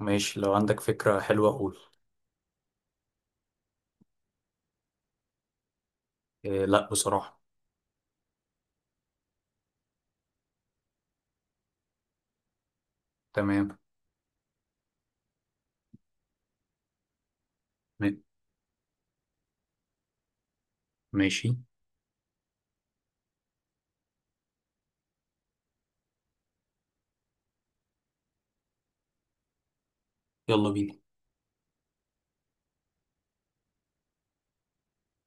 ماشي، لو عندك فكرة حلوة قول. إيه لا بصراحة. تمام. م- ماشي. يلا بينا.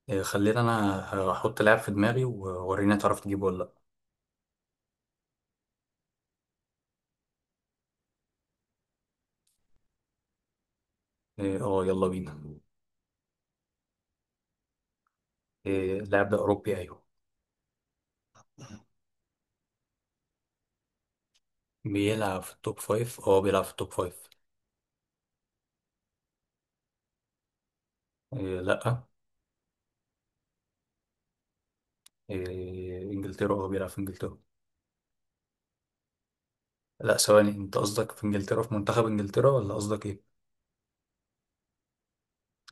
إيه خلينا أنا، هحط لاعب في دماغي ووريني تعرف تجيبه ولا لأ. إيه، اه يلا بينا. إيه اللاعب ده أوروبي أيوه. بيلعب في التوب فايف اه بيلعب في التوب فايف. إيه لأ. إيه إنجلترا اه بيلعب في إنجلترا. لأ ثواني، أنت قصدك في إنجلترا في منتخب إنجلترا ولا قصدك إيه؟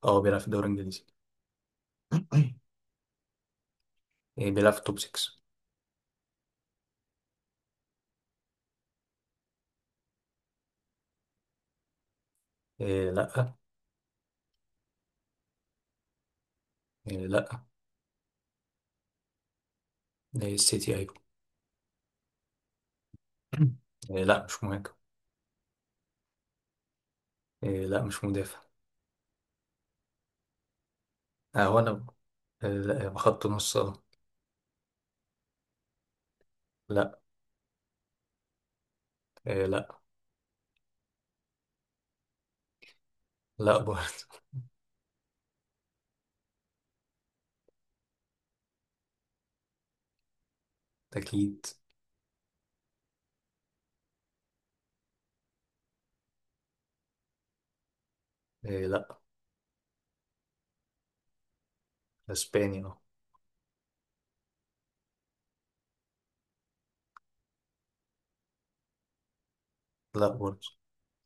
اه بيلعب في الدوري الإنجليزي. إيه بيلعب في التوب 6. إيه لأ. إيه لأ. إيه السيتي أيوه. إيه لا مش مهاجم. إيه لا مش مدافع. آه هو انا. آه لا بخط نص اه. لا. إيه لا. لا برضه. اكيد. إيه لا. اسباني اه. لا برضه.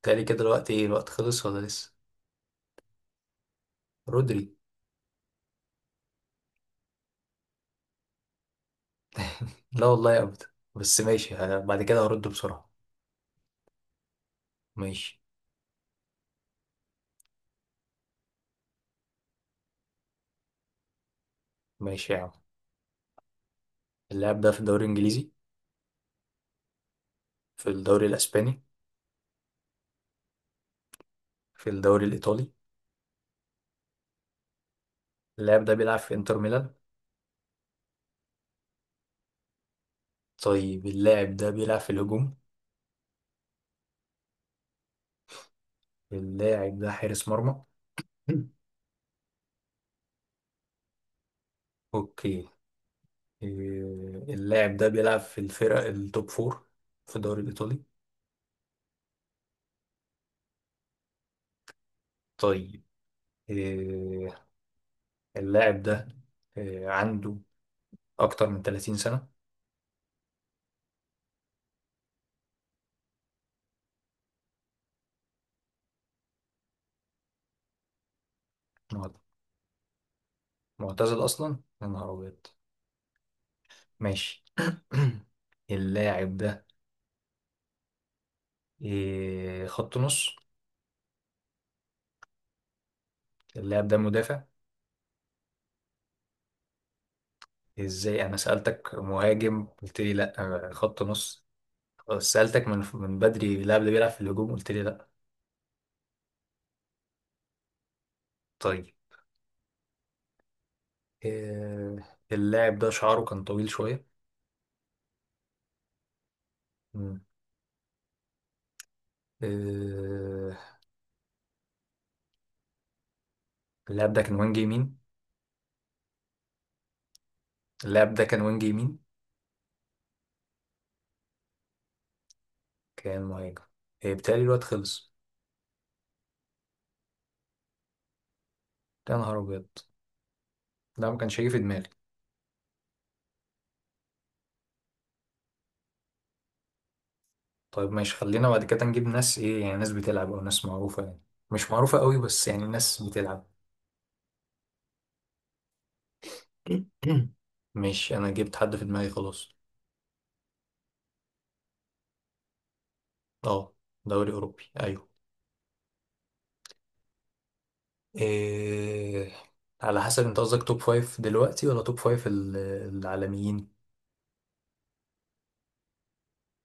تالي كده الوقت، ايه الوقت خلص ولا لسه؟ رودري. لا والله ابدا. بس ماشي، بعد كده هرد بسرعة. ماشي. ماشي يا عم. اللاعب ده في الدوري الانجليزي؟ في الدوري الاسباني؟ في الدوري الايطالي؟ اللاعب ده بيلعب في انتر ميلان؟ طيب، اللاعب ده بيلعب في الهجوم؟ اللاعب ده حارس مرمى؟ اوكي. إيه، اللاعب ده بيلعب في الفرق التوب فور في الدوري الإيطالي. طيب، إيه، اللاعب ده إيه، عنده أكتر من 30 سنة. معت- معتزل أصلا؟ يا نهار أبيض. ماشي. اللاعب ده إيه، خط نص؟ اللاعب ده مدافع؟ إزاي أنا سألتك مهاجم قلت لي لأ خط نص؟ سألتك من بدري اللاعب ده بيلعب في الهجوم قلت لي لأ. طيب إيه، اللاعب ده شعره كان طويل شوية؟ آه، اللاعب ده كان وينج يمين. اللاعب ده كان وينج يمين؟ كان مهاجم. إيه، بيتهيألي الوقت خلص. يا نهار أبيض، ده ما كانش هيجي في دماغي. طيب ماشي، خلينا بعد كده نجيب ناس إيه يعني، ناس بتلعب أو ناس معروفة يعني، مش معروفة قوي بس يعني ناس بتلعب. ماشي أنا جبت حد في دماغي خلاص. أه دوري أوروبي أيوه. إيه على حسب، أنت قصدك توب فايف دلوقتي ولا توب فايف العالميين؟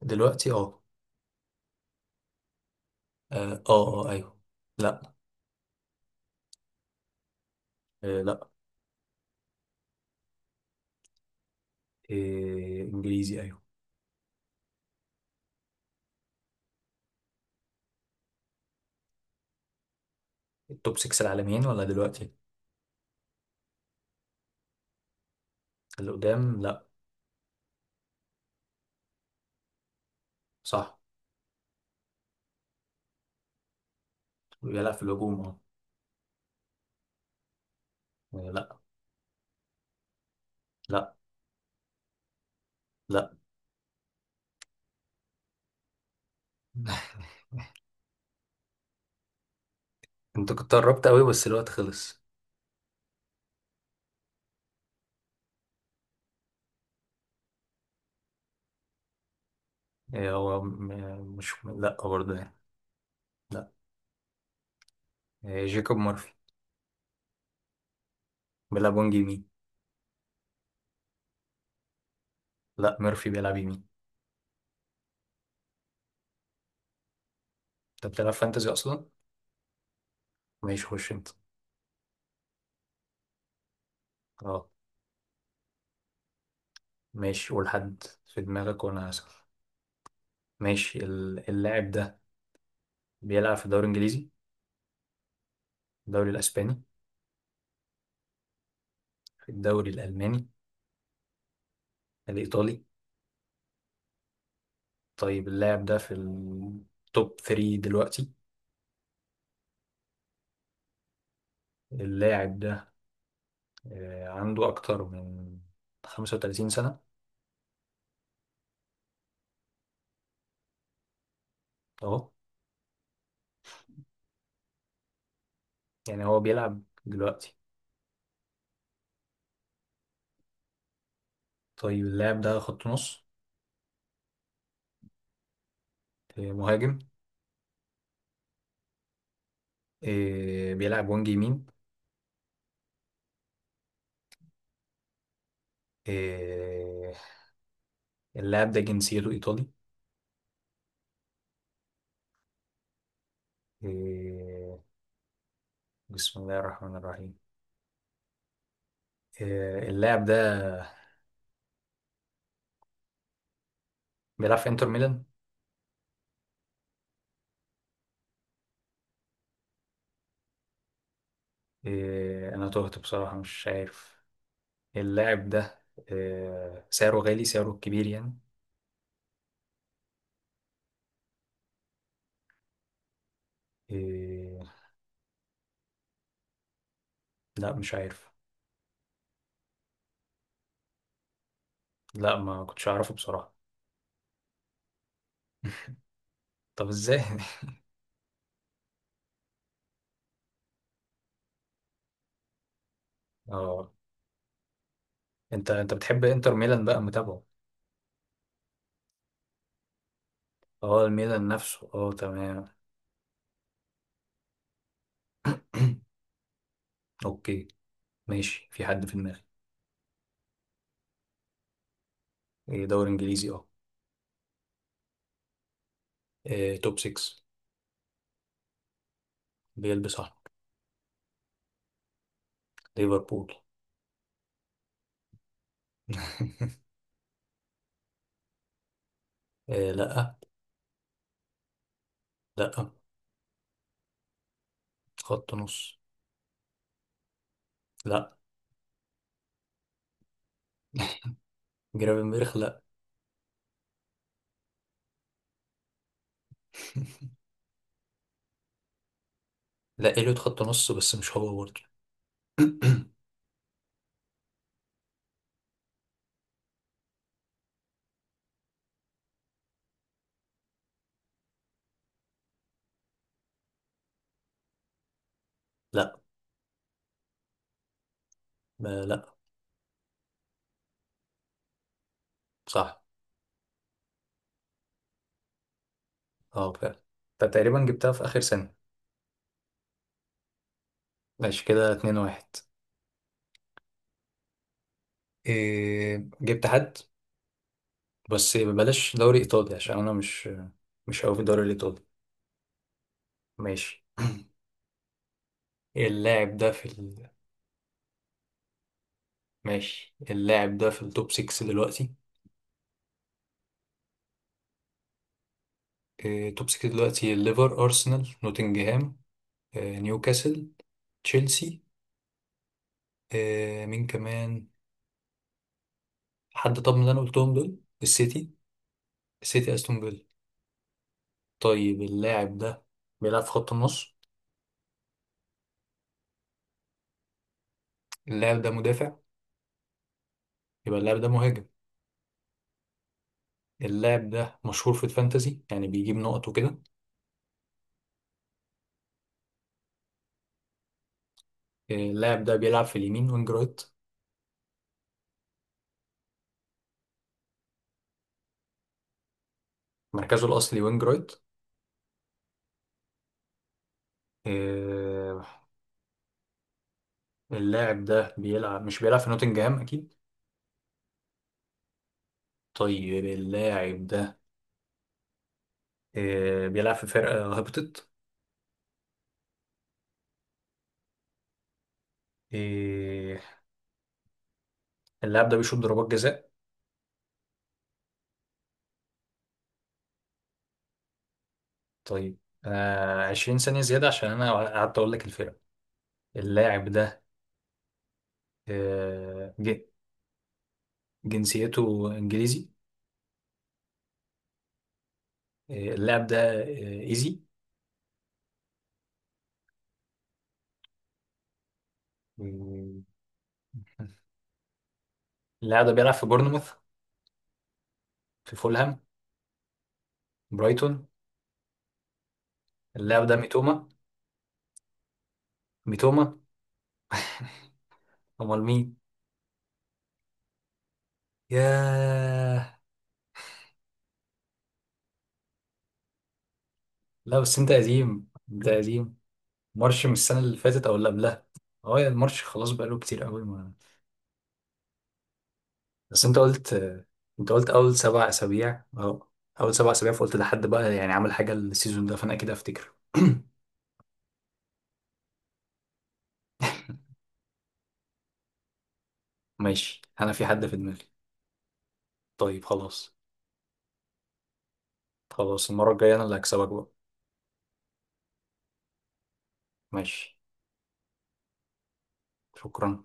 دلوقتي أه. أه أه آه، أيوه. لأ. إيه، لأ. إيه انجليزي ايوه. التوب 6 العالميين ولا دلوقتي؟ اللي قدام لا. صح. بيلعب في الهجوم اه. آه، لا. لا. لا. انت كنت قربت قوي بس الوقت خلص. إيه هو مش، لا برضه يعني. لا. إيه جيكوب مورفي. بيلعب وينج يمين. لا ميرفي بيلعب يمين. انت بتلعب فانتزي اصلا؟ ماشي خش انت. اه ماشي، قول حد في دماغك وانا هسأل. ماشي، اللاعب ده بيلعب في الدوري الانجليزي؟ الدوري الاسباني؟ الدوري الالماني؟ الايطالي؟ طيب اللاعب ده في التوب 3 دلوقتي؟ اللاعب ده آه، عنده أكتر من 35 سنة؟ أهو. يعني هو بيلعب دلوقتي؟ طيب اللاعب ده خط نص؟ آه، مهاجم؟ آه، بيلعب وينج يمين؟ آه، اللاعب ده جنسيته إيطالي؟ آه، بسم الله الرحمن الرحيم. آه، اللاعب ده بيلعب في إنتر ميلان؟ آه، أنا تهت بصراحة مش عارف. اللاعب ده آه، سعره غالي، سعره كبير يعني. إيه... لا مش عارف. لا ما كنتش اعرفه بصراحة. طب ازاي؟ اه انت بتحب انتر ميلان بقى متابعه. اه الميلان نفسه اه تمام. اوكي. ماشي في حد في دماغي. إيه دوري انجليزي اه. إيه توب 6. بيلبس احمر. ليفربول. إيه لا. لا خط نص. لا. جرافنبرخ لا. لا اليوت خط نص بس مش هو برضه. لا. لا لا، صح. اه فعلا. انت تقريبا جبتها في اخر سنة. ماشي كده 2-1. إيه جبت حد؟ بس بلاش دوري ايطالي عشان انا مش قوي في الدوري الايطالي. ماشي اللاعب ده في ال... ماشي اللاعب ده في التوب 6 دلوقتي؟ إيه توب 6 دلوقتي، الليفر، ارسنال، نوتنجهام، إيه نيوكاسل، تشيلسي، إيه مين كمان، حد طب من اللي انا قلتهم دول؟ السيتي. السيتي، استون فيلا. طيب اللاعب ده بيلعب في خط النص؟ اللاعب ده مدافع؟ يبقى اللاعب ده مهاجم. اللاعب ده مشهور في الفانتازي يعني بيجيب نقط وكده؟ إيه، اللاعب ده بيلعب في اليمين وينج رايت؟ مركزه الأصلي وينج رايت. آه، اللاعب ده بيلعب مش بيلعب في نوتنجهام أكيد. طيب اللاعب ده آه، بيلعب في فرقة هبطت؟ آه، اللاعب ده بيشوط ضربات جزاء؟ طيب آه، 20 ثانية زيادة عشان أنا قعدت أقول لك الفرقة. اللاعب ده آه، جنسيته إنجليزي؟ آه، اللاعب ده آه، إيزي؟ آه، اللاعب ده بيلعب في بورنموث؟ في فولهام؟ برايتون؟ اللاعب ده ميتوما؟ ميتوما؟ امال مين؟ ياه. لا بس انت قديم، انت قديم. مارش من السنه اللي فاتت او اللي قبلها. اه يا المارش خلاص، بقاله كتير قوي ما. بس انت قلت اول 7 اسابيع اه. اول 7 اسابيع فقلت ده حد بقى يعني عمل حاجه السيزون ده فانا كده افتكر. ماشي انا في حد في دماغي. طيب خلاص. خلاص المره الجايه انا اللي هكسبك بقى. ماشي. شكرا.